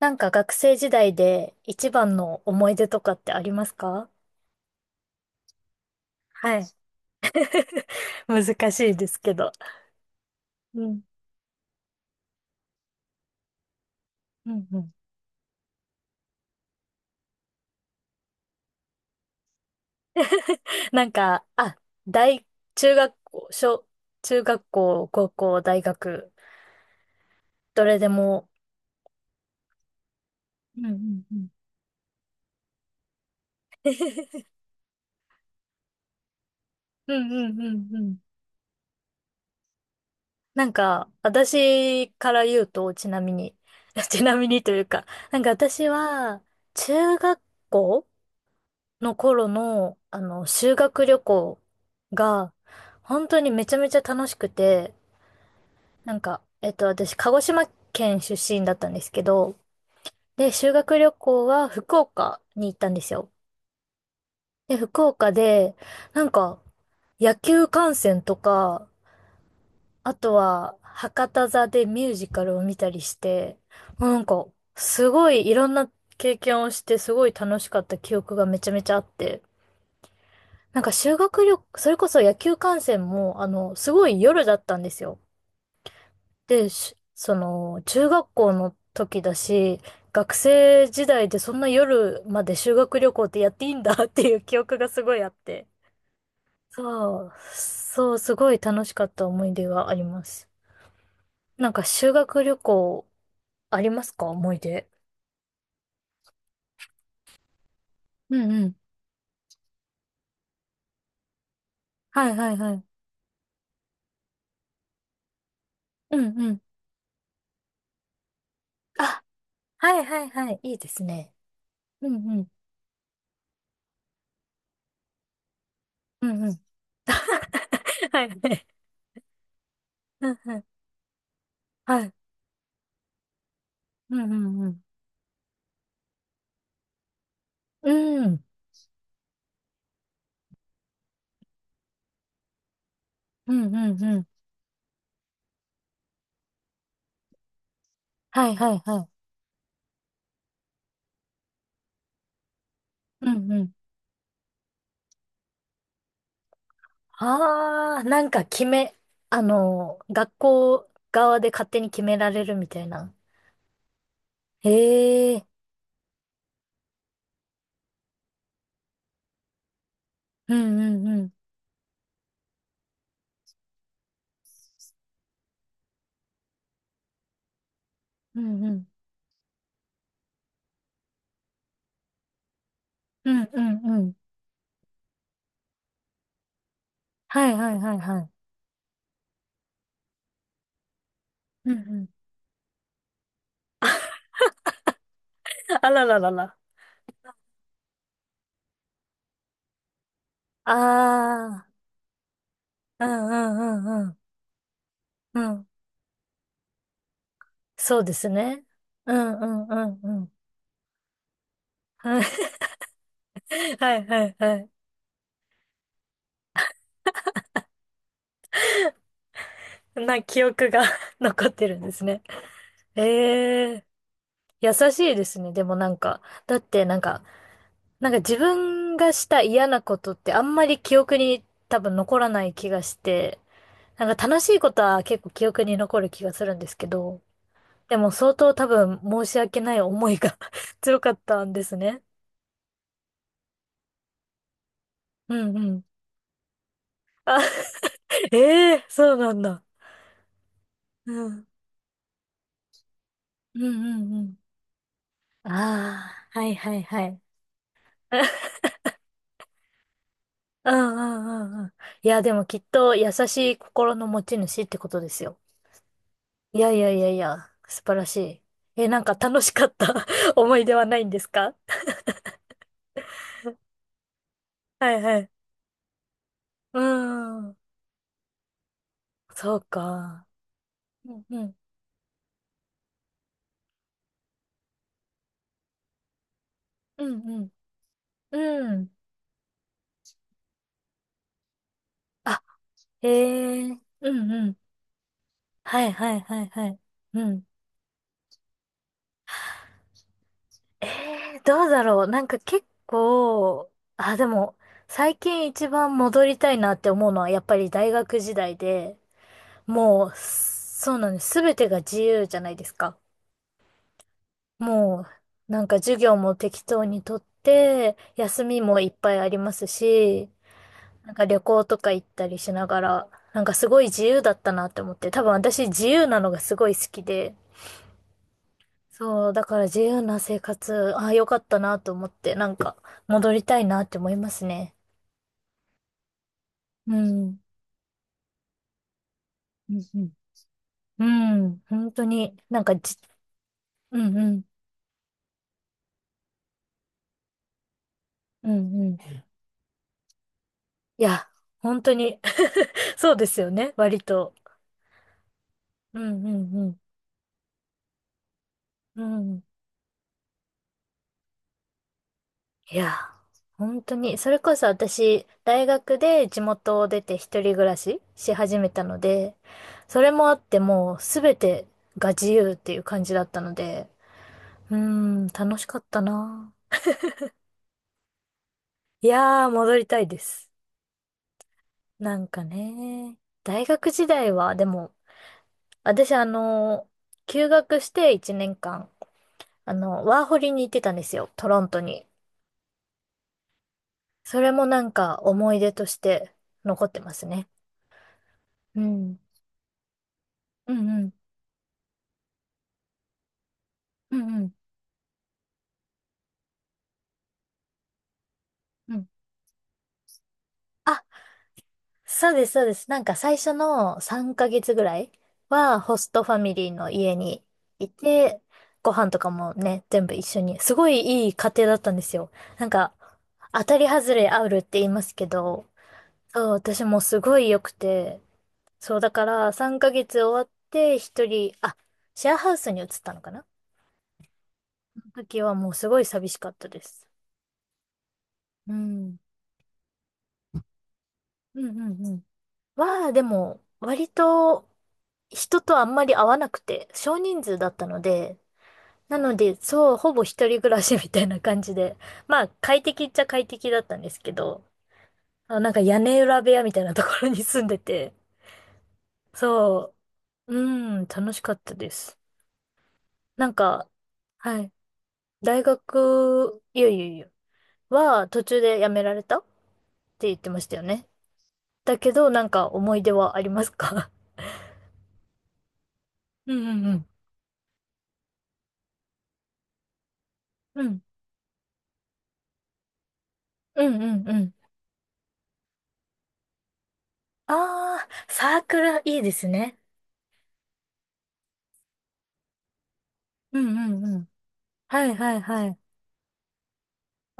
なんか学生時代で一番の思い出とかってありますか？はい。難しいですけど。うん。うんうん。なんか、あ、大、中学校、中学校、高校、大学、どれでも。うんうんうん。うんうんうんうん。なんか、私から言うと、ちなみに、ちなみにというか、なんか私は、中学校の頃の、修学旅行が、本当にめちゃめちゃ楽しくて、なんか、私、鹿児島県出身だったんですけど、で、修学旅行は福岡に行ったんですよ。で、福岡で、なんか、野球観戦とか、あとは、博多座でミュージカルを見たりして、もうなんか、すごいいろんな経験をして、すごい楽しかった記憶がめちゃめちゃあって、なんか修学旅行、それこそ野球観戦も、すごい夜だったんですよ。で、その、中学校の時だし、学生時代でそんな夜まで修学旅行ってやっていいんだ っていう記憶がすごいあって。そう、そう、すごい楽しかった思い出があります。なんか修学旅行ありますか、思い出。うんうん。はいはいはい。うんうん。あ、はいはいはい。いいですね。うんうん。うんうん。はいはい。うんうん。はい。うんうんうん。うん。うんうんうん。はいはいはい。うんうん。ああ、なんか決め、学校側で勝手に決められるみたいな。へえ。うんうんうん。うんうん。うんうんうん。はいはいはいはい。うんうん。あらららら。ああ、うんうんうんうん。うん。そうですね。うんうんうんうん。はい はいはいはい。な記憶が 残ってるんですね。ええ、優しいですね。でもなんか、だってなんか、なんか自分がした嫌なことってあんまり記憶に多分残らない気がして、なんか楽しいことは結構記憶に残る気がするんですけど、でも相当多分申し訳ない思いが 強かったんですね。うんうん。あ、ええー、そうなんだ。うん。うんうんうん。ああ、はいはいはい。うんうんうんうん。いや、でもきっと優しい心の持ち主ってことですよ。いやいやいやいや、素晴らしい。え、なんか楽しかった 思い出はないんですか？はいはい。うーん。そうか。うんうん。うんうん。うん。あ、ええ、うんうん。はいはいはいはい。うん。ええ、どうだろう。なんか結構、あ、でも、最近一番戻りたいなって思うのはやっぱり大学時代で、もう、そうなんです。すべてが自由じゃないですか。もう、なんか授業も適当にとって、休みもいっぱいありますし、なんか旅行とか行ったりしながら、なんかすごい自由だったなって思って、多分私自由なのがすごい好きで、そう、だから自由な生活、ああ、よかったなと思って、なんか戻りたいなって思いますね。うん。うんうん。うん、本当に、なんかじ、うんうん、うんうん。いや、本当に そうですよね、割と。うんうんうん。うん、いや、本当に、それこそ私、大学で地元を出て一人暮らしし始めたので、それもあってもうすべてが自由っていう感じだったので、うーん、楽しかったな。いやー、戻りたいです。なんかね、大学時代は、でも、私休学して1年間、ワーホリに行ってたんですよ、トロントに。それもなんか思い出として残ってますね。うん。うんうんうんうんうん、あ、そうです、そうです。なんか最初の3ヶ月ぐらいはホストファミリーの家にいて、ご飯とかもね、全部一緒に。すごいいい家庭だったんですよ。なんか、当たり外れあるって言いますけど、そう、私もすごい良くて、そう、だから3ヶ月終わって一人、あ、シェアハウスに移ったのかな。その時はもうすごい寂しかったです。うん。うんうんうん、は、でも、割と人とあんまり会わなくて、少人数だったので、なので、そう、ほぼ一人暮らしみたいな感じで、まあ、快適っちゃ快適だったんですけど、あ、なんか屋根裏部屋みたいなところに住んでて、そう、うん、楽しかったです。なんか、はい、いやいやいや、は途中で辞められたって言ってましたよね。だけど、なんか思い出はありますか？ うんうんうん。うん、うんうんうん。ああ、サークルいいですね。うんうんうん。はいはいはい。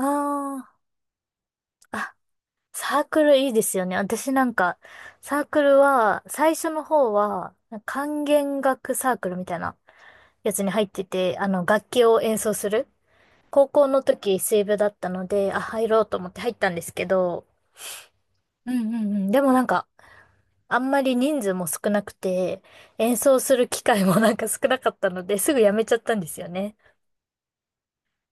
ああ、あ、サークルいいですよね。私なんか、サークルは、最初の方は、管弦楽サークルみたいなやつに入ってて、楽器を演奏する。高校の時、水部だったので、あ、入ろうと思って入ったんですけど、うんうんうん。でもなんか、あんまり人数も少なくて、演奏する機会もなんか少なかったので、すぐ辞めちゃったんですよね。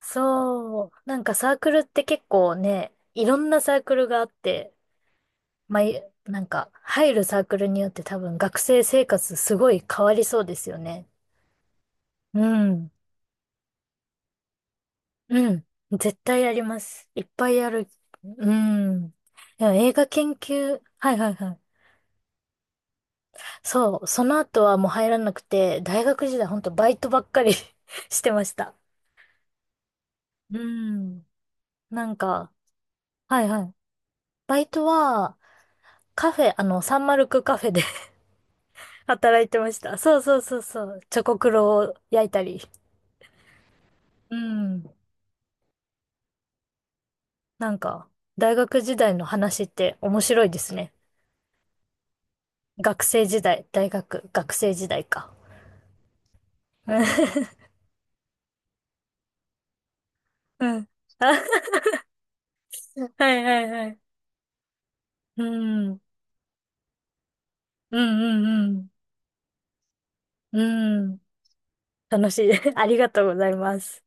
そう。なんかサークルって結構ね、いろんなサークルがあって、まあ、なんか入るサークルによって多分学生生活すごい変わりそうですよね。うん。うん。絶対やります。いっぱいやる。うん。でも映画研究、はいはいはい。そう。その後はもう入らなくて、大学時代ほんとバイトばっかり してました。うん。なんか、はいはい。バイトは、カフェ、サンマルクカフェで働いてました。そうそうそうそう。チョコクロを焼いたり。うん。なんか、大学時代の話って面白いですね。学生時代、大学、学生時代か。うん。あ、はいはいはい。うん。うんうんうん。うん。楽しい。ありがとうございます。